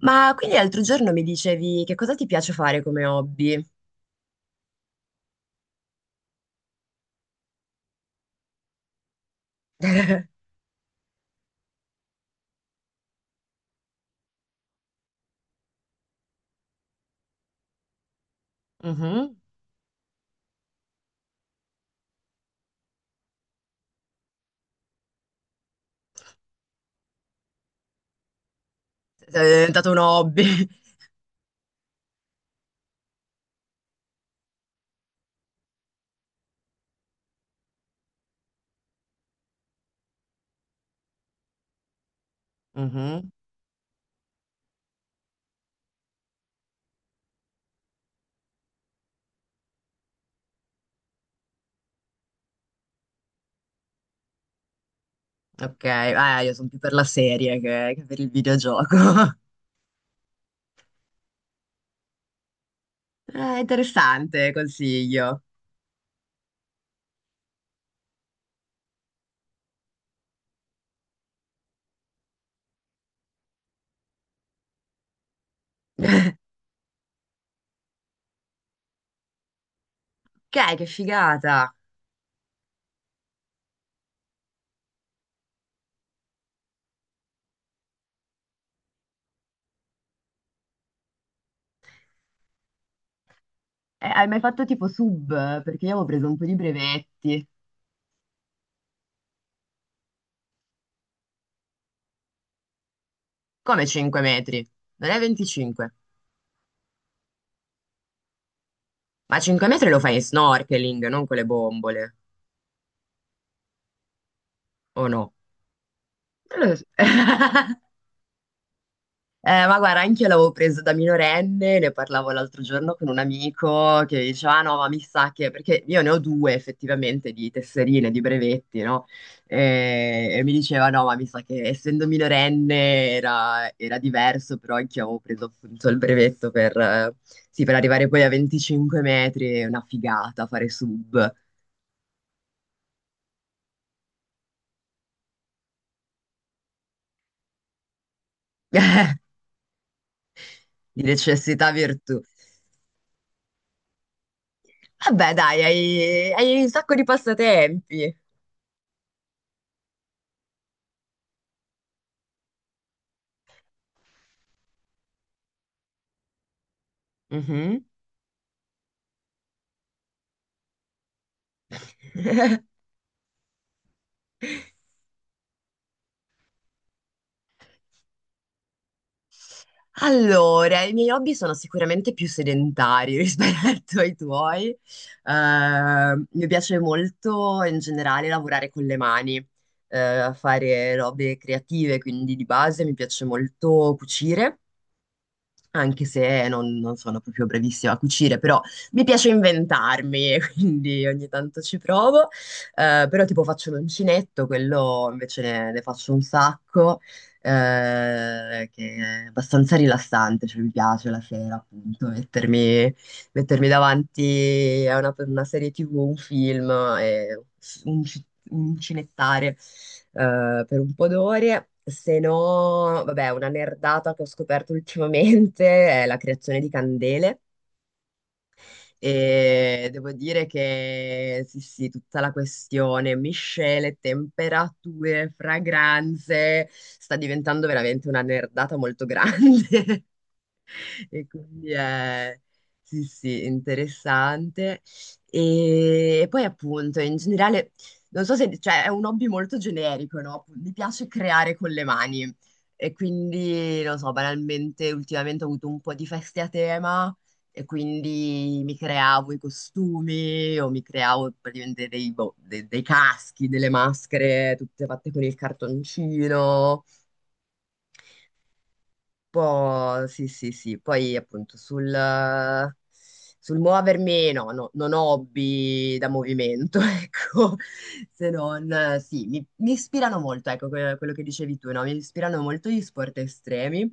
Ma quindi l'altro giorno mi dicevi che cosa ti piace fare come hobby? Mhm. È diventato un hobby. Mhm. Ok, io sono più per la serie che per il videogioco. Interessante, consiglio. Ok, che figata. Hai mai fatto tipo sub? Perché io avevo preso un po' di brevetti. Come 5 metri? Non è 25. Ma 5 metri lo fai in snorkeling, non con le bombole. O no? Non lo so. Ma guarda, anche io l'avevo preso da minorenne, ne parlavo l'altro giorno con un amico che diceva, "Ah, no, ma mi sa che, perché io ne ho due effettivamente di tesserine, di brevetti, no? E mi diceva, no, ma mi sa che essendo minorenne era diverso, però anche io avevo preso appunto il brevetto per, sì, per arrivare poi a 25 metri, è una figata fare sub, di necessità virtù. Vabbè, dai, hai un sacco di passatempi. Mhm. Allora, i miei hobby sono sicuramente più sedentari rispetto ai tuoi. Mi piace molto in generale lavorare con le mani, fare robe creative, quindi di base mi piace molto cucire anche se non sono proprio bravissima a cucire, però mi piace inventarmi, quindi ogni tanto ci provo. Però tipo faccio l'uncinetto, quello invece ne faccio un sacco, che è abbastanza rilassante, cioè mi piace la sera appunto mettermi davanti a una serie TV, un film, e un, ci- un cinettare per un po' d'ore. Se no, vabbè, una nerdata che ho scoperto ultimamente è la creazione di candele e devo dire che sì, tutta la questione miscele, temperature, fragranze sta diventando veramente una nerdata molto grande. E quindi è, sì, interessante. E poi appunto, in generale, non so se, cioè, è un hobby molto generico, no? Mi piace creare con le mani. E quindi, non so, banalmente, ultimamente ho avuto un po' di feste a tema e quindi mi creavo i costumi o mi creavo praticamente dei, boh, dei caschi, delle maschere, tutte fatte con il cartoncino po', sì, sì, sì. Poi appunto sul, sul muovermi, no, no, non ho hobby da movimento, ecco, se non, sì, mi ispirano molto, ecco, quello che dicevi tu, no? Mi ispirano molto gli sport estremi.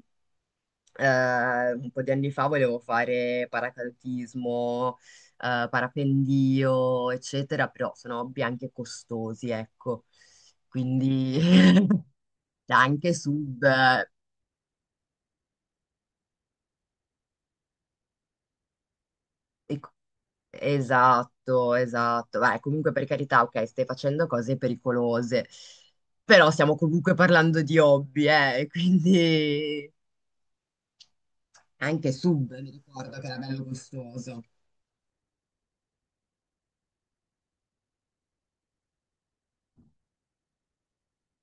Un po' di anni fa volevo fare paracadutismo, parapendio, eccetera, però sono hobby anche costosi, ecco. Quindi anche sub. Esatto, esatto. Beh, comunque per carità, ok, stai facendo cose pericolose, però stiamo comunque parlando di hobby, quindi anche sub, mi ricordo che era bello gustoso.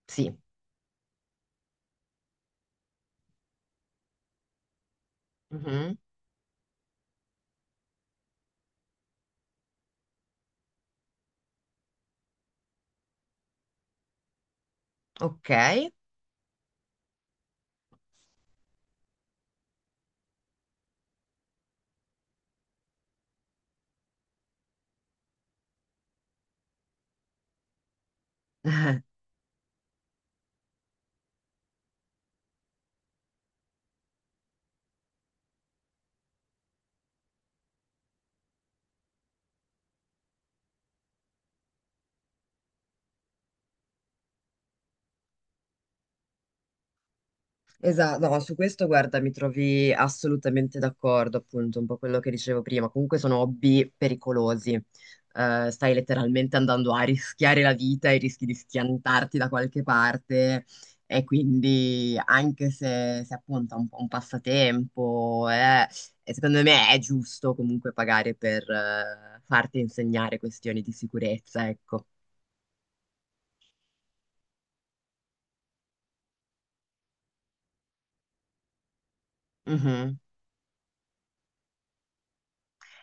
Sì. Mhm. Ok. Esatto, no, su questo guarda, mi trovi assolutamente d'accordo, appunto, un po' quello che dicevo prima. Comunque sono hobby pericolosi. Stai letteralmente andando a rischiare la vita e rischi di schiantarti da qualche parte. E quindi, anche se, se appunto è un, po' un passatempo, e secondo me è giusto comunque pagare per farti insegnare questioni di sicurezza, ecco. Mhm.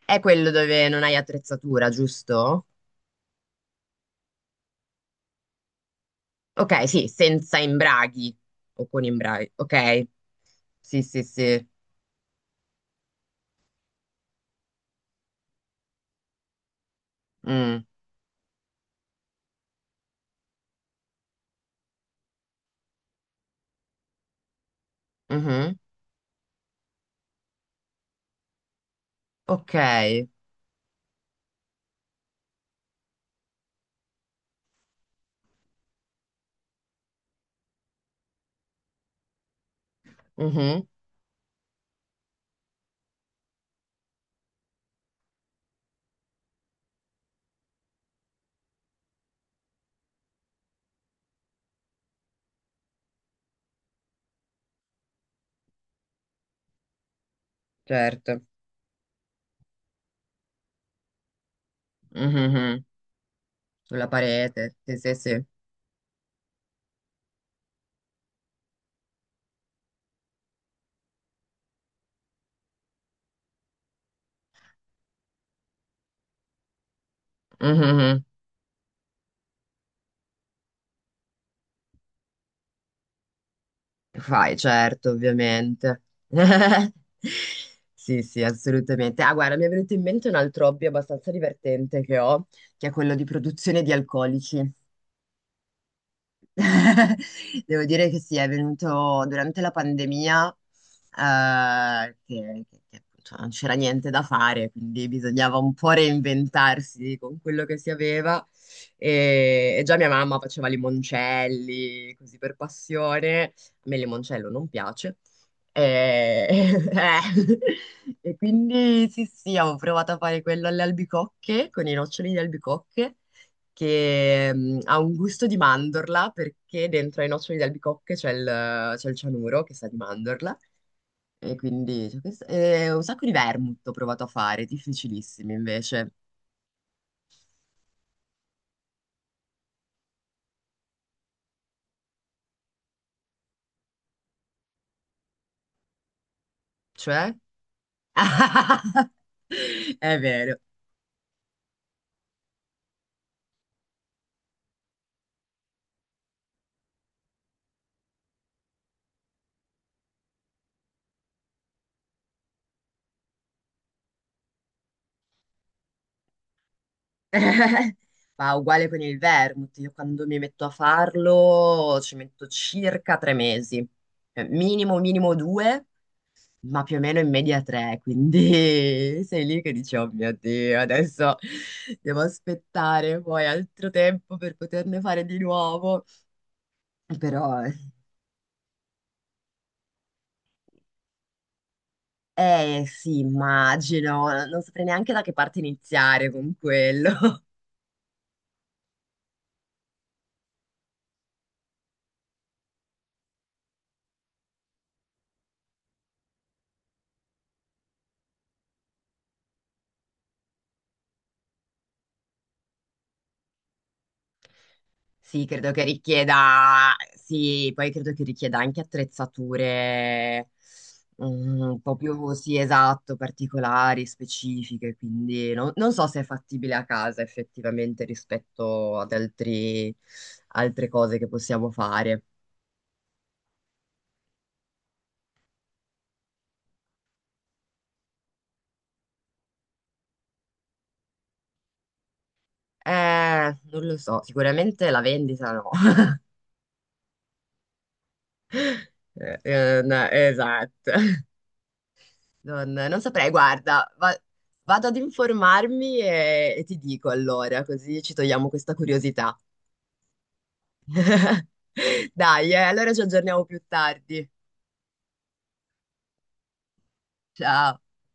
È quello dove non hai attrezzatura, giusto? Ok, sì, senza imbraghi o con imbraghi. Ok, sì, sì, sì. Mm, mhm. Ok, mhm, certo. Mhm. Sulla parete, sì, sì, sì. Mhm. Fai, certo, ovviamente. Sì, sì, assolutamente. Ah, guarda, mi è venuto in mente un altro hobby abbastanza divertente che ho, che è quello di produzione di alcolici. Devo dire che sì, è venuto durante la pandemia, che appunto non c'era niente da fare, quindi bisognava un po' reinventarsi con quello che si aveva. E già mia mamma faceva limoncelli, così per passione. A me il limoncello non piace. E, eh, e quindi sì, sì, avevo provato a fare quello alle albicocche, con i noccioli di albicocche che ha un gusto di mandorla perché dentro ai noccioli di albicocche c'è il cianuro che sa di mandorla e quindi c'è questo- e un sacco di vermouth ho provato a fare, difficilissimi invece. Cioè? È vero. Ma uguale con il vermouth, io quando mi metto a farlo ci metto circa 3 mesi, minimo minimo due ma più o meno in media tre, quindi sei lì che dici, oh mio Dio, adesso devo aspettare poi altro tempo per poterne fare di nuovo. Però, eh sì, immagino, non saprei neanche da che parte iniziare con quello. Sì, credo che richieda, sì, poi credo che richieda anche attrezzature mm, un po' più, sì, esatto, particolari, specifiche, quindi non so se è fattibile a casa effettivamente rispetto ad altri, altre cose che possiamo fare. Non lo so, sicuramente la vendita no. No, esatto. Non saprei, guarda, vado ad informarmi e ti dico allora, così ci togliamo questa curiosità. Dai, allora ci aggiorniamo più tardi. Ciao.